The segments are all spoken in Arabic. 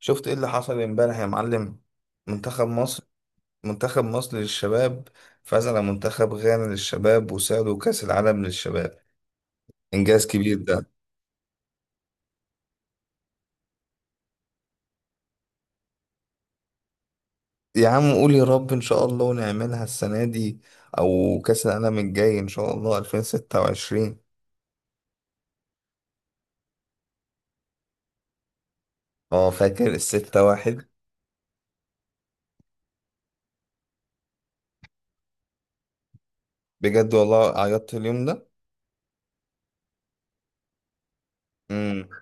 شفت ايه اللي حصل امبارح يا معلم؟ منتخب مصر منتخب مصر للشباب فاز على منتخب غانا للشباب وساعدوا كأس العالم للشباب. انجاز كبير ده. يا عم قول يا رب ان شاء الله ونعملها السنة دي، او كأس العالم الجاي ان شاء الله 2026. اه، فاكر ال6-1؟ بجد والله عيطت اليوم ده. امم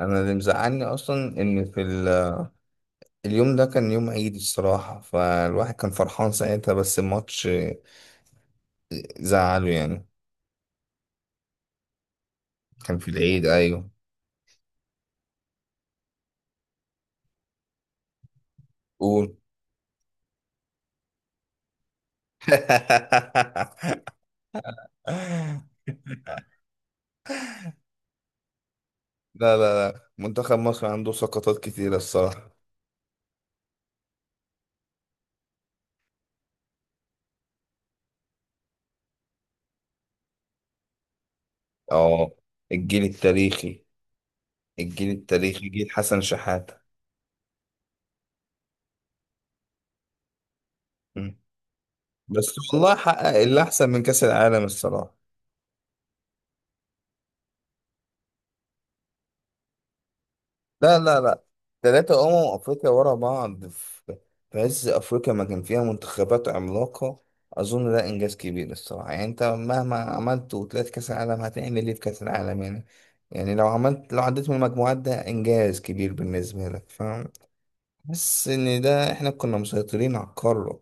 انا اللي مزعلني اصلا ان اليوم ده كان يوم عيد الصراحة، فالواحد كان فرحان ساعتها بس الماتش زعله يعني. كان في العيد، ايوه. قول. لا لا لا، منتخب مصر عنده سقطات كتيرة الصراحة. اه. الجيل التاريخي. الجيل التاريخي، جيل حسن شحاتة. مم. بس والله حقق اللي احسن من كأس العالم الصراحة. لا لا لا. ثلاثة أمم أفريقيا ورا بعض في عز أفريقيا ما كان فيها منتخبات عملاقة. أظن ده إنجاز كبير الصراحة، يعني أنت مهما عملت وطلعت كأس العالم هتعمل إيه في كأس العالم يعني. يعني لو عديت من المجموعات ده إنجاز كبير بالنسبة لك، فاهم. بس إن ده إحنا كنا مسيطرين على القارة.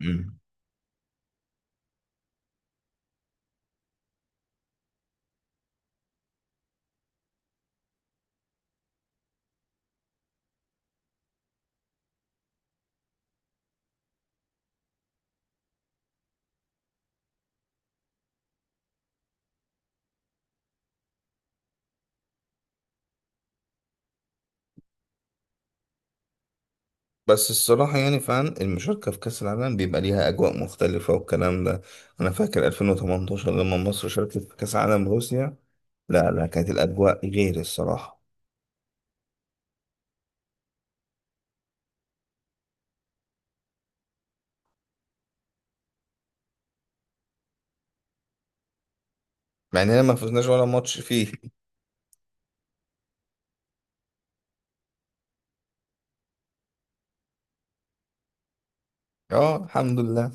مم. بس الصراحة يعني فعلا المشاركة في كأس العالم بيبقى ليها أجواء مختلفة والكلام ده. أنا فاكر 2018 لما مصر شاركت في كأس عالم روسيا. لا لا، كانت الأجواء غير الصراحة. مع إننا ما فزناش ولا ماتش فيه. اه، الحمد لله.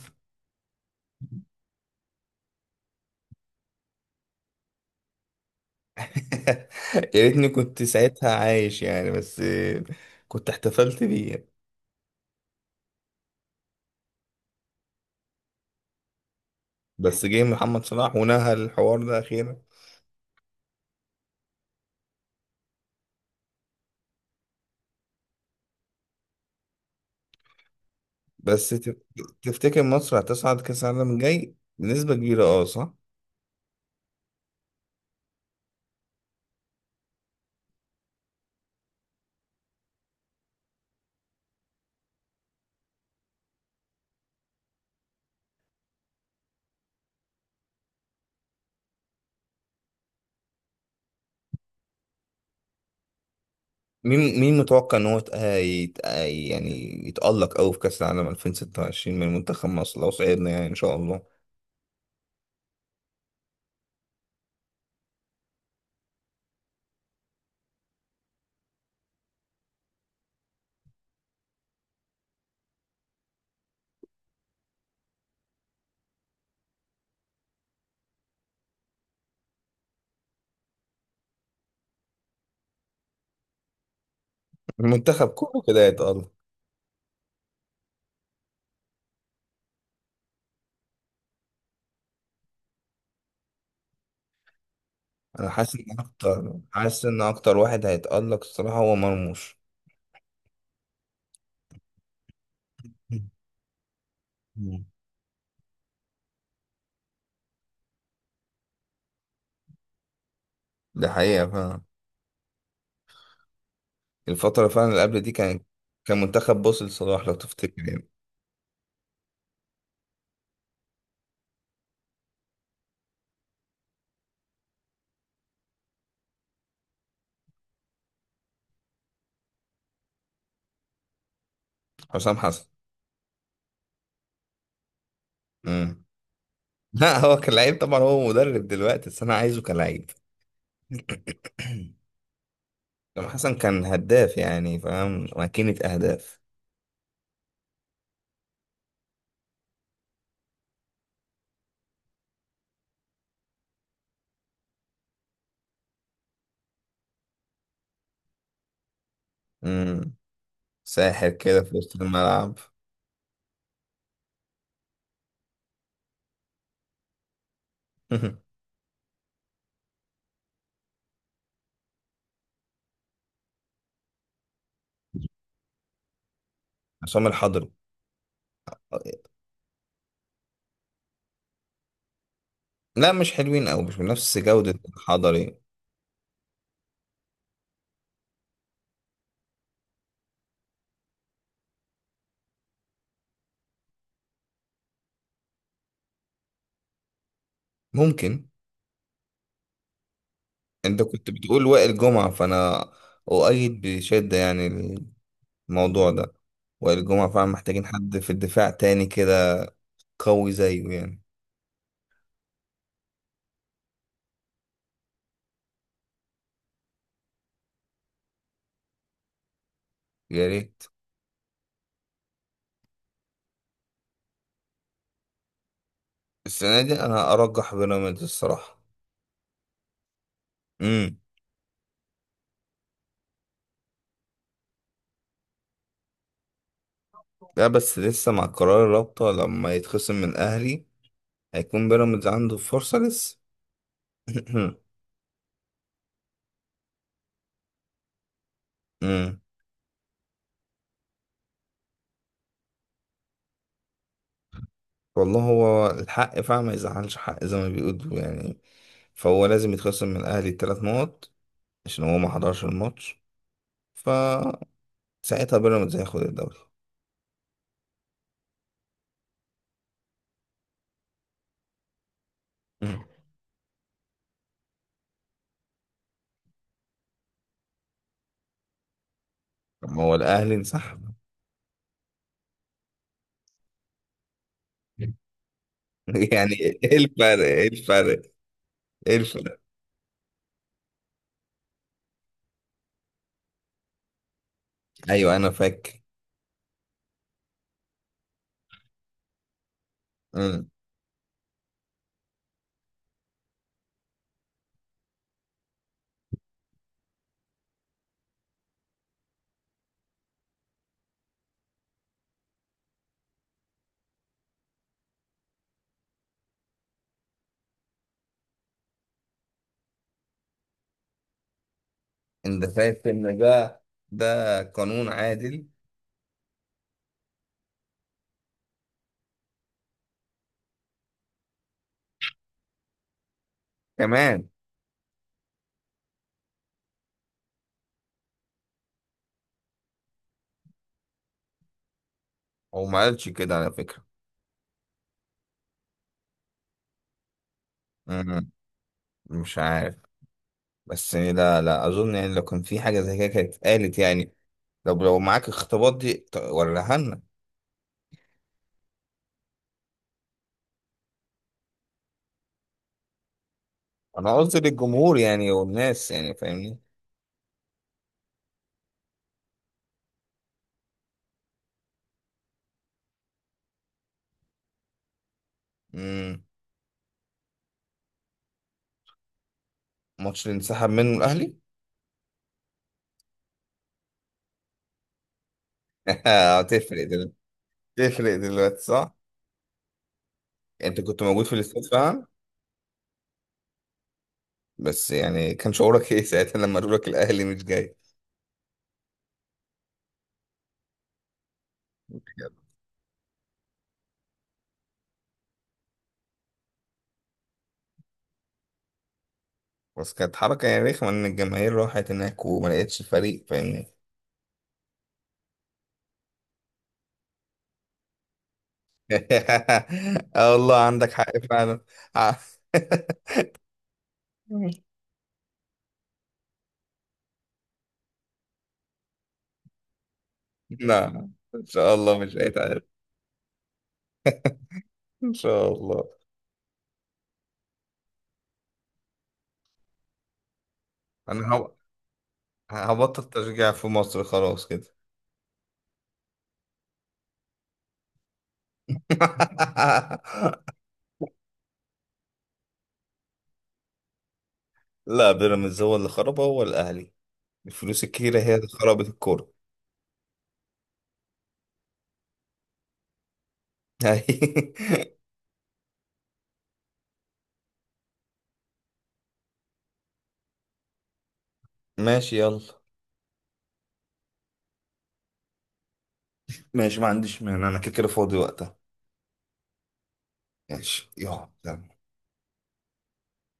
يا ريتني كنت ساعتها عايش يعني، بس كنت احتفلت بيه يعني. بس جه محمد صلاح ونهى الحوار ده أخيرا. بس تفتكر مصر هتصعد كأس العالم الجاي بنسبة كبيرة؟ اه، صح. مين متوقع إن هو يعني يتألق أوي في كأس العالم 2026 من منتخب مصر لو صعدنا يعني إن شاء الله. المنتخب كله كده يتألق. انا حاسس ان اكتر واحد هيتألق الصراحة هو مرموش. مم. ده حقيقة فعلا. الفترة فعلا اللي قبل دي كان منتخب بص لصلاح لو تفتكر يعني. حسام حسن. امم لا، هو كلاعب طبعا، هو مدرب دلوقتي بس انا عايزه كلاعب. حسام حسن كان هداف يعني، فاهم، ماكينة اهداف. امم ساحر كده في وسط الملعب. عصام الحضري. لا مش حلوين او مش بنفس جودة الحضري. ممكن. انت كنت بتقول وائل جمعة فانا اؤيد بشدة يعني الموضوع ده. وائل جمعة فعلا محتاجين حد في الدفاع تاني كده قوي زيه يعني. يا ريت. السنة دي انا ارجح بيراميدز الصراحة. امم لا بس لسه مع قرار الرابطة لما يتخصم من اهلي، هيكون بيراميدز عنده فرصة لسه. امم والله هو الحق فعلا ما يزعلش حق زي ما بيقولوا يعني، فهو لازم يتخصم من الاهلي 3 نقط عشان هو ما حضرش الماتش، ف ساعتها بيراميدز هياخد الدوري. مم. طب ما هو الاهلي انسحب. يعني ايه الفرق ايه الفرق ايه الفرق. ايوه انا فاكر. مم. انت فاكر ان ده قانون عادل؟ كمان. هو ما قالش كده على فكره. مم. مش عارف، بس لا لا اظن يعني لو كان في حاجه زي كده كانت اتقالت يعني. طب لو معاك اختبار دي وريها لنا. انا قصدي للجمهور يعني والناس يعني، فاهمني. مم. ماتش اللي انسحب منه الاهلي. هتفرق. تفرق دلوقتي صح؟ يعني انت كنت موجود في الاستاد فعلا. بس يعني كان شعورك ايه ساعتها لما قالوا لك الاهلي مش جاي؟ بس كانت حركة يعني رخمة ان الجماهير راحت هناك وما لقيتش الفريق، فاهمني؟ اه والله عندك حق فعلا. ع- لا، ان شاء الله مش هيتعرف. ان شاء الله. انا هبطل تشجيع في مصر خلاص كده. لا بيراميدز هو اللي خربها، هو الاهلي. الفلوس الكتيرة هي اللي خربت الكورة. ماشي يلا. ماشي ما عنديش مانع، انا كده كده فاضي وقتها. ماشي يلا يلا.